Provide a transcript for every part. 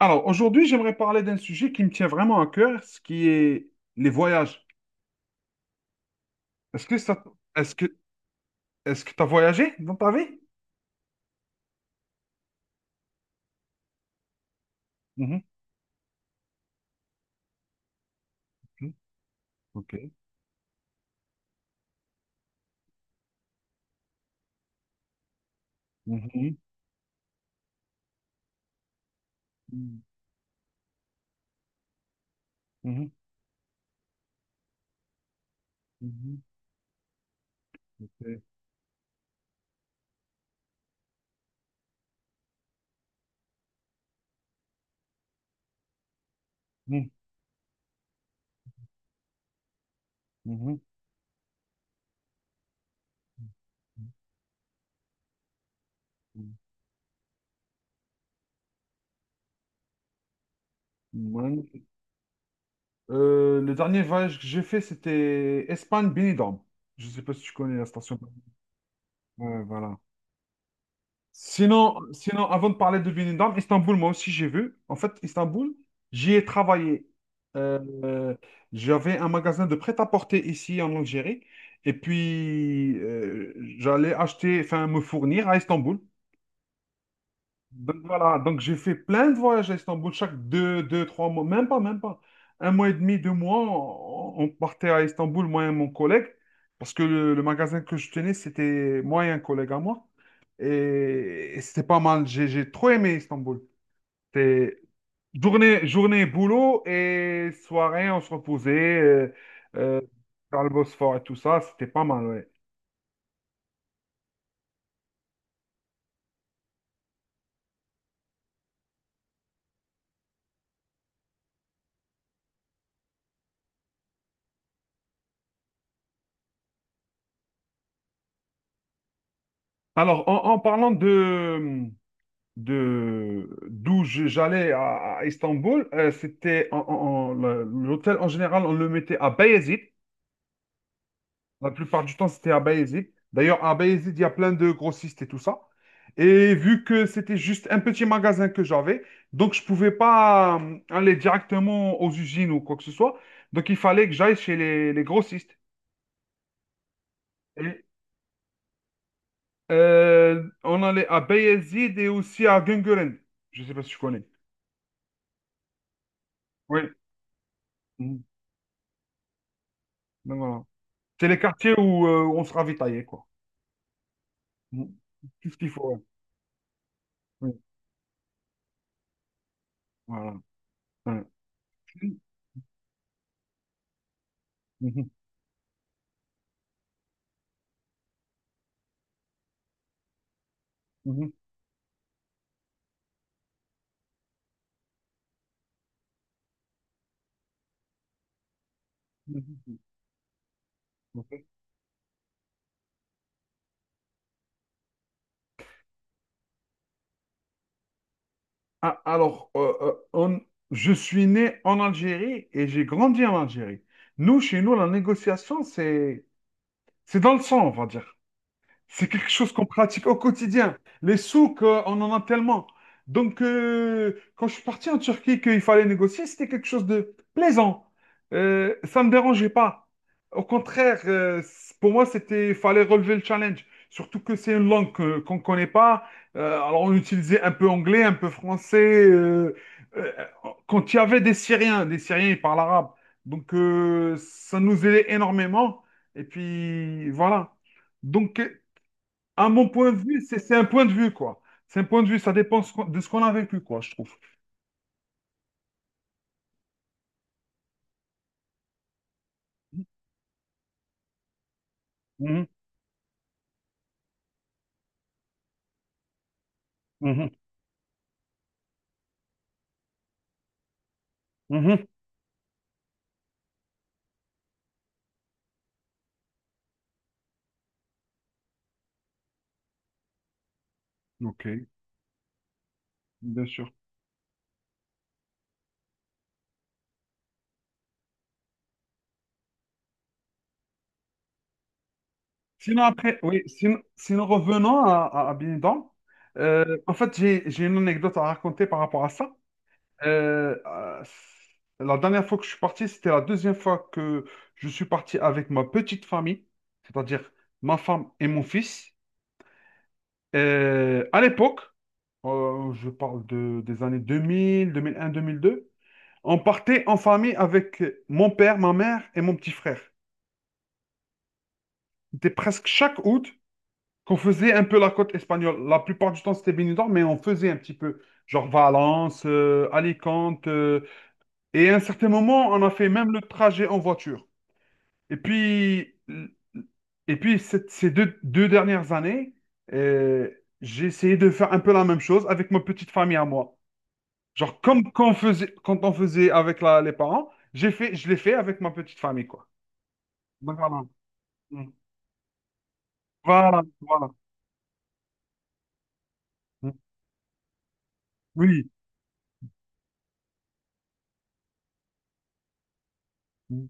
Alors, aujourd'hui, j'aimerais parler d'un sujet qui me tient vraiment à cœur, ce qui est les voyages. Est-ce que ça, est-ce que, est-ce que tu as voyagé dans ta vie? Mhm, mhm, ok. Mhm, mhm, mhm, mhm, ok, mhm, mhm, mhm, mhm. Le dernier voyage que j'ai fait, c'était Espagne-Benidorm. Je ne sais pas si tu connais la station. Ouais, voilà. Sinon, avant de parler de Benidorm, Istanbul, moi aussi j'ai vu. En fait, Istanbul, j'y ai travaillé. Euh, euh, J'avais un magasin de prêt-à-porter ici en Algérie. Et puis, j'allais acheter, enfin, me fournir à Istanbul. Donc voilà, donc j'ai fait plein de voyages à Istanbul, chaque 3 mois, même pas. 1 mois et demi, 2 mois, on partait à Istanbul, moi et mon collègue, parce que le magasin que je tenais, c'était moi et un collègue à moi. Et c'était pas mal, j'ai trop aimé Istanbul. C'était journée, journée, boulot et soirée, on se reposait euh, euh, dans le Bosphore et tout ça, c'était pas mal, ouais. Alors, en parlant de d'où je- j'allais à Istanbul, c'était l'hôtel en général, on le mettait à Bayezid. La plupart du temps, c'était à Bayezid. D'ailleurs, à Bayezid, il y a plein de grossistes et tout ça. Et vu que c'était juste un petit magasin que j'avais, donc je pouvais pas aller directement aux usines ou quoi que ce soit. Donc il fallait que j'aille chez les grossistes. Et, on allait à Bayezid et aussi à Güngören. Je sais pas si tu connais. Oui. Mhm. Donc, voilà. C'est les quartiers où on se ravitaillait, quoi. Mm. Tout ce qu'il faut. Ouais. Oui, voilà. Ouais. Mhm, mhm, mhm. Ok. Ah, alors, je suis né en Algérie et j'ai grandi en Algérie. Nous, chez nous, la négociation, c'est dans le sang, on va dire. C'est quelque chose qu'on pratique au quotidien. Les souks, on en a tellement. Donc, quand je suis parti en Turquie, qu'il fallait négocier, c'était quelque chose de plaisant. Ça ne me dérangeait pas. Au contraire, pour moi, c'était, il fallait relever le challenge. Surtout que c'est une langue qu'on ne connaît pas. Alors, on utilisait un peu anglais, un peu français. Euh, Quand il y avait des Syriens, ils parlent arabe. Donc, ça nous aidait énormément. Et puis, voilà. Donc, à mon point de vue, c'est un point de vue, quoi. C'est un point de vue, ça dépend de ce qu'on a vécu, quoi, je trouve. Mhm, mhm, mhm. Ok, bien sûr. Sinon, après, oui, sinon revenons à Benidorm. En fait, j'ai une anecdote à raconter par rapport à ça. Euh, euh, la dernière fois que je suis parti, c'était la deuxième fois que je suis parti avec ma petite famille, c'est-à-dire ma femme et mon fils. À l'époque, je parle des années 2000, 2001, 2002. On partait en famille avec mon père, ma mère et mon petit frère. C'était presque chaque août qu'on faisait un peu la côte espagnole. La plupart du temps, c'était Benidorm, mais on faisait un petit peu. Genre Valence, Alicante. Et à un certain moment, on a fait même le trajet en voiture. Et puis, et puis, ces 2 dernières années, euh, j'ai essayé de faire un peu la même chose avec ma petite famille à moi. Genre comme quand on faisait avec les parents, je l'ai fait avec ma petite famille, quoi. Voilà. Mm. Voilà, voilà. Mm. Oui, mm.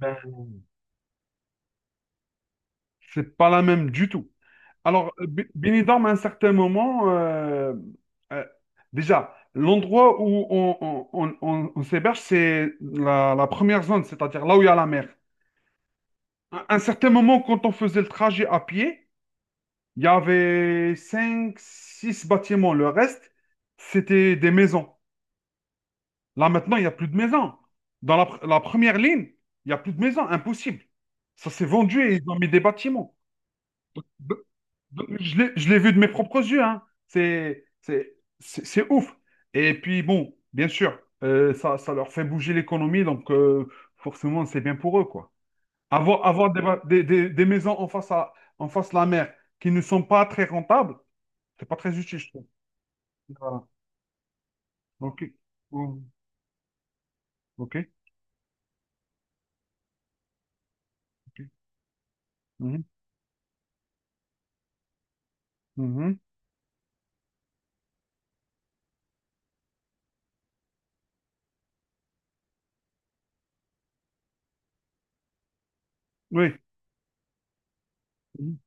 Ben, c'est pas la même du tout. Alors, Benidorm, à un certain moment, euh, déjà, l'endroit où on s'héberge, c'est la première zone, c'est-à-dire là où il y a la mer. À un certain moment, quand on faisait le trajet à pied, il y avait 5 6 bâtiments. Le reste, c'était des maisons. Là, maintenant, il n'y a plus de maison. Dans la première ligne, il n'y a plus de maison. Impossible. Ça s'est vendu et ils ont mis des bâtiments. Donc, je l'ai vu de mes propres yeux, hein. C'est ouf. Et puis, bon, bien sûr, ça leur fait bouger l'économie. Donc, forcément, c'est bien pour eux, quoi. Avoir des, ba- des maisons en face de la mer qui ne sont pas très rentables, c'est pas très utile, je trouve. Voilà. Ok. Oh, ok. Ok. Mhm. Mhm. Oui. Mhm.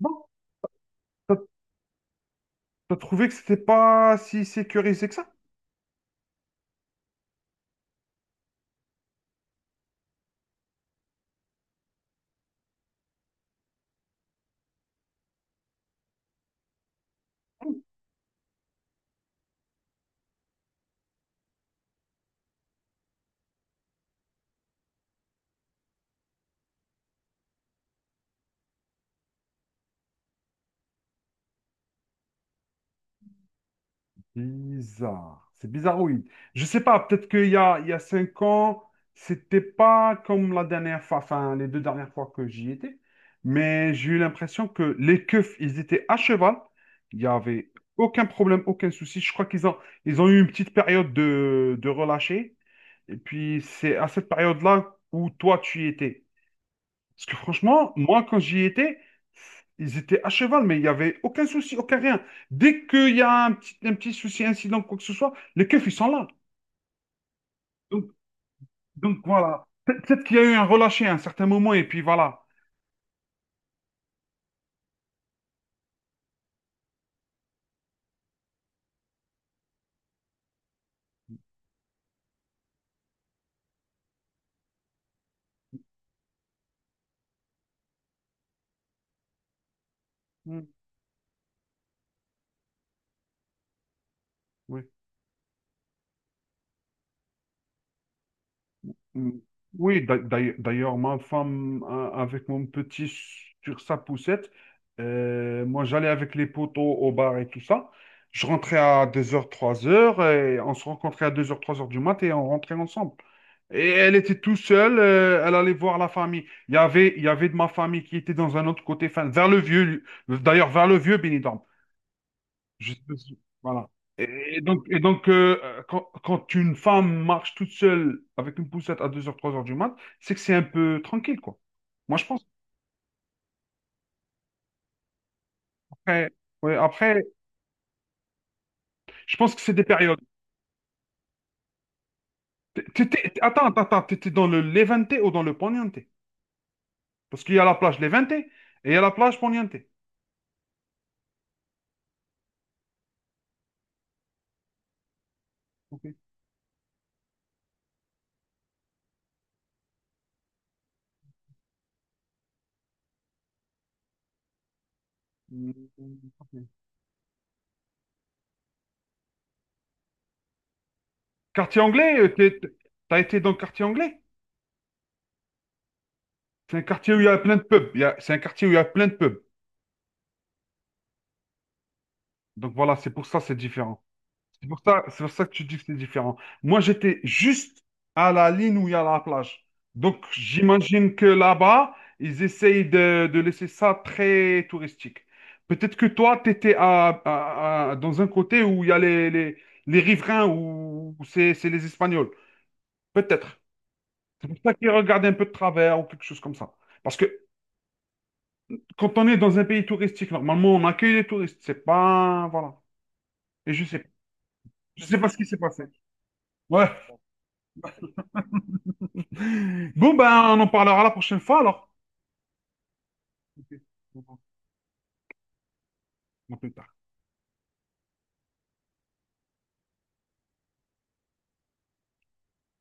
Bon. T'as t'as trouvé que c'était pas si sécurisé que ça? Bizarre. C'est bizarre, oui. Je sais pas, peut-être il y a 5 ans, c'était pas comme la dernière fois, enfin, les 2 dernières fois que j'y étais. Mais j'ai eu l'impression que les keufs, ils étaient à cheval. Il y avait aucun problème, aucun souci. Je crois ils ont eu une petite période de relâcher. Et puis, c'est à cette période-là où toi, tu y étais. Parce que franchement, moi, quand j'y étais, ils étaient à cheval, mais il n'y avait aucun souci, aucun rien. Dès qu'il y a un petit souci, incident, quoi que ce soit, les keufs, ils sont là. Donc, donc, voilà. Peut-être qu'il y a eu un relâché à un certain moment, et puis voilà. Mm. Oui. Mm. Oui, d'ailleurs, ma femme, avec mon petit sur sa poussette, moi j'allais avec les poteaux au bar et tout ça. Je rentrais à 2 heures, 3 heures et on se rencontrait à 2 heures, 3 heures du mat et on rentrait ensemble. Et elle était tout seule, elle allait voir la famille. Il y avait de ma famille qui était dans un autre côté, enfin, vers le vieux, d'ailleurs, vers le vieux Benidorm. Je te suis. Voilà. Et donc quand une femme marche toute seule avec une poussette à 2 heures, 3 heures du mat, c'est que c'est un peu tranquille, quoi. Moi, je pense après, ouais, après je pense que c'est des périodes. Attends, t'étais dans le Levante ou dans le Poniente? Parce qu'il y a la plage Levante et il y a la plage Poniente. Ok. Mm, ok. Quartier anglais, t'as été dans le quartier anglais? C'est un quartier où il y a plein de pubs. C'est un quartier où il y a plein de pubs. Donc voilà, c'est pour ça c'est différent. C'est pour ça que tu dis que c'est différent. Moi, j'étais juste à la ligne où il y a la plage. Donc, j'imagine que là-bas, ils essayent de laisser ça très touristique. Peut-être que toi, tu étais dans un côté où il y a les riverains, où c'est les Espagnols. Peut-être. C'est pour ça qu'ils regardent un peu de travers ou quelque chose comme ça. Parce que quand on est dans un pays touristique, normalement, on accueille les touristes. C'est pas. Voilà. Et je sais pas ce qui s'est passé. Ouais. Bon, ben, on en parlera la prochaine fois alors. Ok. À plus tard.